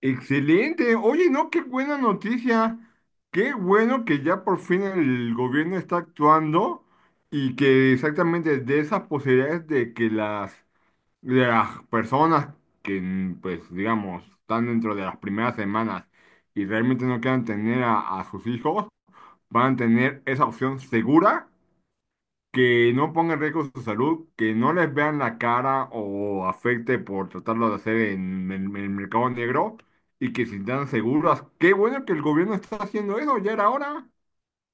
Excelente. Oye, no, qué buena noticia. Qué bueno que ya por fin el gobierno está actuando y que exactamente de esas posibilidades de de las personas que, pues, digamos, están dentro de las primeras semanas y realmente no quieran tener a sus hijos, van a tener esa opción segura que no ponga en riesgo su salud, que no les vean la cara o afecte por tratarlo de hacer en el mercado negro y que se sientan seguras. Qué bueno que el gobierno está haciendo eso, ya era hora.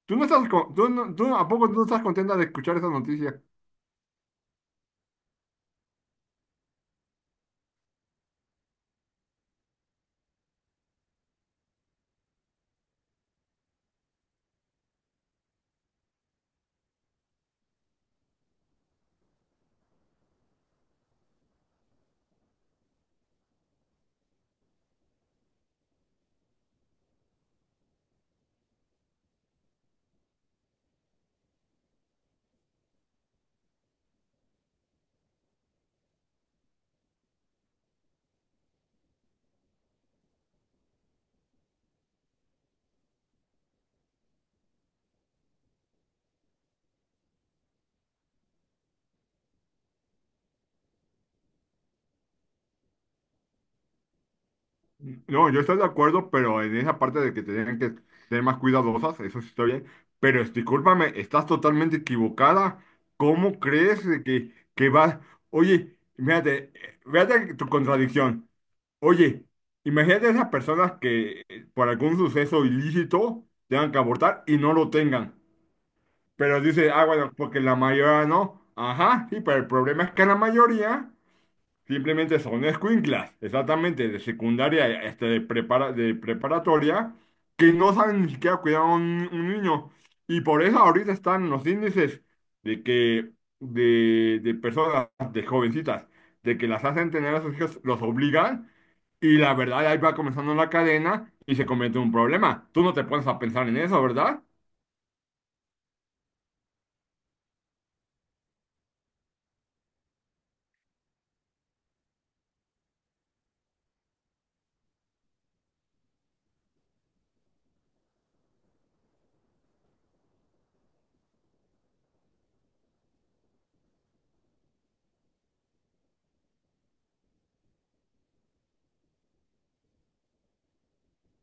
¿Tú no estás, con- tú no- tú- ¿A poco tú no estás contenta de escuchar esa noticia? No, yo estoy de acuerdo, pero en esa parte de que tienen que ser más cuidadosas, eso sí está bien. Discúlpame, estás totalmente equivocada. ¿Cómo crees de que vas? Oye, fíjate, fíjate tu contradicción. Oye, imagínate esas personas que por algún suceso ilícito tengan que abortar y no lo tengan. Pero dice, ah, bueno, porque la mayoría no. Ajá, sí, pero el problema es que la mayoría simplemente son escuinclas, exactamente, de secundaria, este, de preparatoria, que no saben ni siquiera cuidar a un niño. Y por eso ahorita están los índices de que, de personas, de jovencitas, de que las hacen tener a sus hijos, los obligan. Y la verdad, ahí va comenzando la cadena y se convierte en un problema. Tú no te pones a pensar en eso, ¿verdad?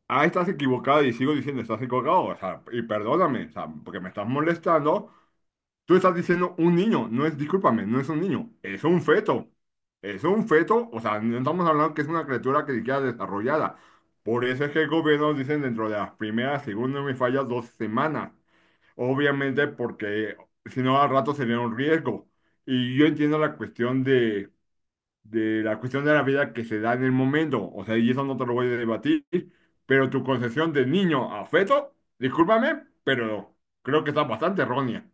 Ah, estás equivocado y sigo diciendo, estás equivocado. O sea, y perdóname, o sea, porque me estás molestando. Tú estás diciendo un niño, no es, discúlpame, no es un niño, es un feto. Es un feto, o sea, no estamos hablando que es una criatura que ni siquiera desarrollada. Por eso es que el gobierno dicen dentro de las primeras, según no me falla, 2 semanas. Obviamente porque si no al rato sería un riesgo. Y yo entiendo la cuestión de la cuestión de la vida que se da en el momento. O sea, y eso no te lo voy a debatir, pero tu concepción de niño a feto, discúlpame, pero creo que está bastante errónea.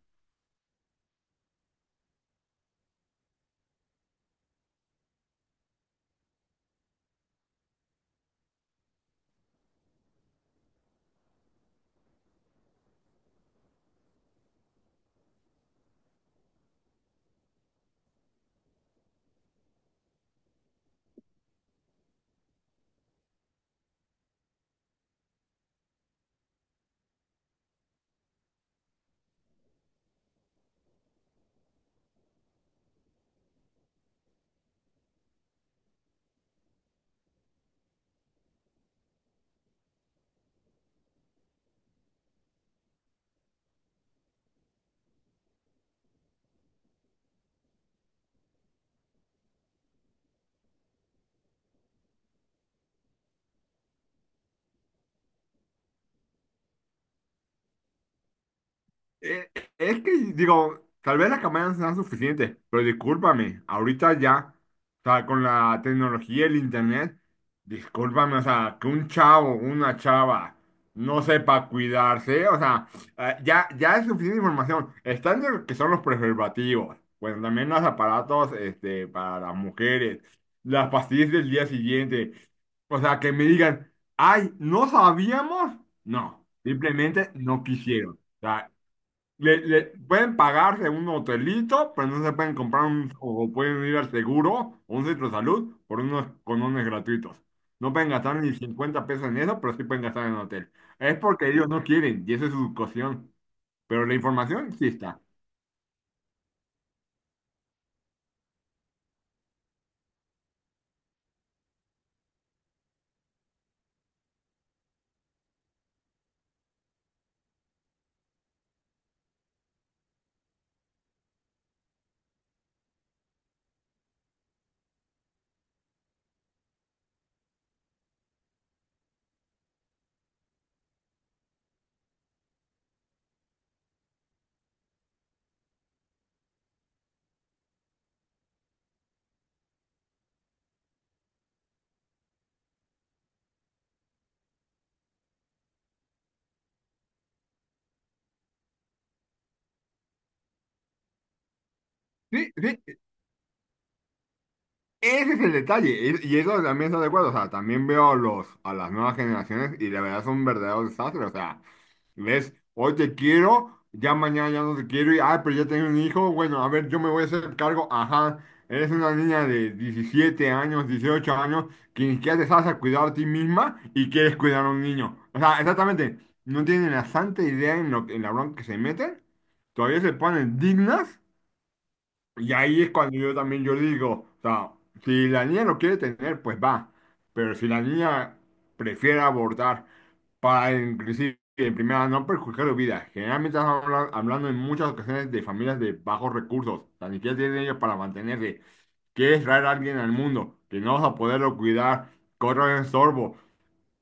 Eh, es que, digo, tal vez las campañas sean suficientes, pero discúlpame, ahorita ya, o sea, con la tecnología y el internet, discúlpame, o sea, que un chavo, una chava, no sepa cuidarse, o sea, ya es suficiente información. Están lo que son los preservativos, bueno, también los aparatos, este, para las mujeres, las pastillas del día siguiente, o sea, que me digan, ay, ¿no sabíamos? No, simplemente no quisieron. O sea, pueden pagarse un hotelito, pero no se pueden comprar un, o pueden ir al seguro o un centro de salud por unos conones gratuitos. No pueden gastar ni 50 pesos en eso, pero sí pueden gastar en hotel. Es porque ellos no quieren y esa es su cocción. Pero la información sí está. Sí, sí, ese es el detalle, y eso también estoy de acuerdo, o sea, también veo a las nuevas generaciones y la verdad son verdaderos desastres, o sea, ves, hoy te quiero, ya mañana ya no te quiero, y, ah, pero ya tengo un hijo, bueno, a ver, yo me voy a hacer cargo, ajá, eres una niña de 17 años, 18 años, que ni siquiera te sabes a cuidar a ti misma y quieres cuidar a un niño, o sea, exactamente, no tienen la santa idea en, lo, en la bronca que se meten, todavía se ponen dignas y ahí es cuando yo también yo digo, o sea, si la niña lo quiere tener, pues va, pero si la niña prefiere abordar para inclusive, en primera, no perjudicar su vida, generalmente estamos hablando en muchas ocasiones de familias de bajos recursos, o sea, ni siquiera tienen ellos para mantenerse, quieres traer a alguien al mundo, que no vas a poderlo cuidar, corre el sorbo,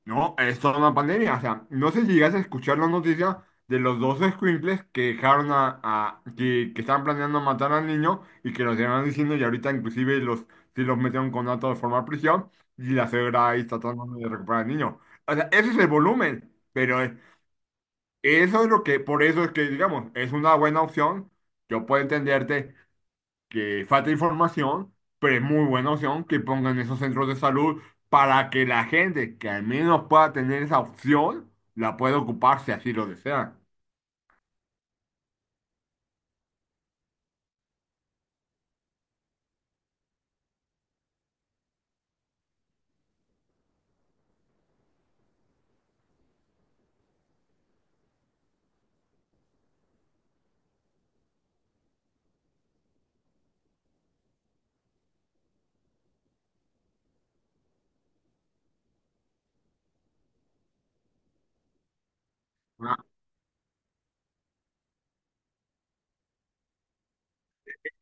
no, es toda una pandemia. O sea, no sé si llegas a escuchar la noticia de los 2 escuincles que dejaron que estaban planeando matar al niño y que los llevan diciendo y ahorita inclusive los, sí los metieron con datos de forma prisión y la suegra ahí está tratando de recuperar al niño. O sea, ese es el volumen, pero eso es lo que, por eso es que, digamos, es una buena opción. Yo puedo entenderte que falta información, pero es muy buena opción que pongan esos centros de salud para que la gente que al menos pueda tener esa opción la pueda ocupar si así lo desea.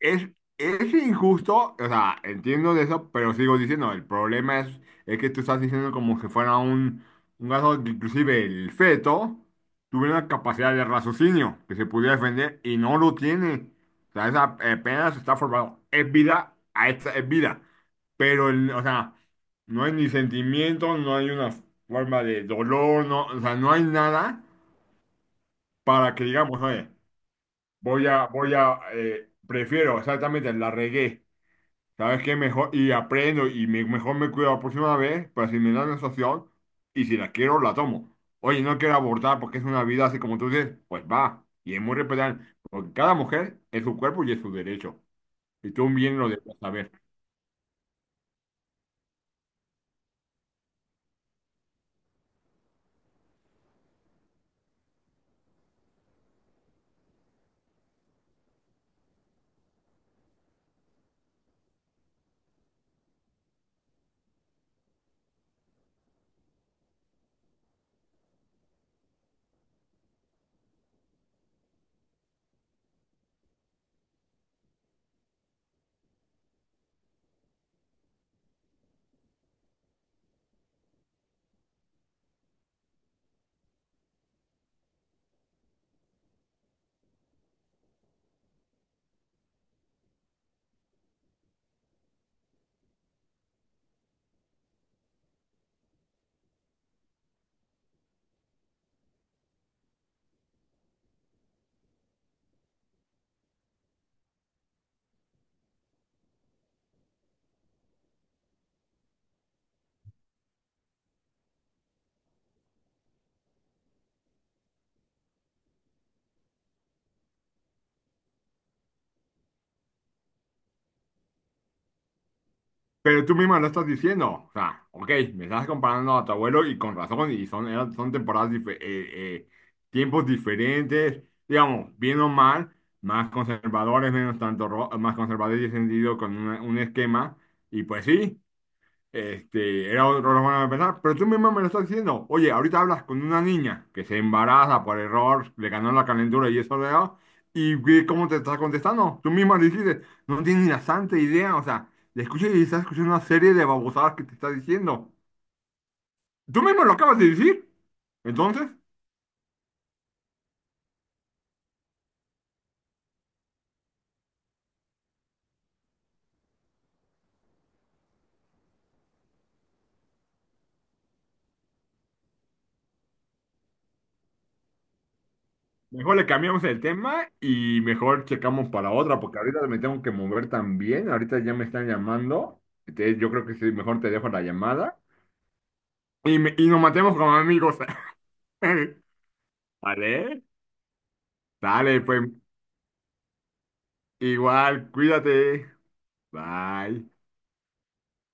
Es, es injusto, o sea, entiendo de eso, pero sigo diciendo, el problema es que tú estás diciendo como que fuera un caso que inclusive el feto tuviera una capacidad de raciocinio que se pudiera defender y no lo tiene. O sea, esa apenas está formado. Es vida, a esta es vida. O sea, no hay ni sentimiento, no hay una forma de dolor, no, o sea, no hay nada para que digamos, oye, prefiero exactamente la regué. ¿Sabes qué? Mejor, y aprendo y mejor me cuido la próxima vez para si me da la situación y si la quiero, la tomo. Oye, no quiero abortar porque es una vida así como tú dices, pues va. Y es muy respetable, porque cada mujer es su cuerpo y es su derecho. Y tú bien lo debes saber. Pero tú misma lo estás diciendo. O sea, ok, me estás comparando a tu abuelo y con razón, son temporadas, tiempos diferentes, digamos, bien o mal, más conservadores, menos tanto, más conservadores y sentido con un esquema. Y pues sí. Este, era otra forma de pensar, pero tú mismo me lo estás diciendo. Oye, ahorita hablas con una niña que se embaraza por error, le ganó la calentura y eso le da, y ve cómo te está contestando. Tú mismo le dijiste, no tienes ni la santa idea, o sea, le escuchas y estás escuchando una serie de babosadas que te está diciendo. Tú mismo lo acabas de decir. Entonces, mejor le cambiamos el tema y mejor checamos para otra, porque ahorita me tengo que mover también. Ahorita ya me están llamando. Entonces, yo creo que sí, mejor te dejo la llamada y, y nos matemos como amigos. Vale, dale, pues igual, cuídate. Bye.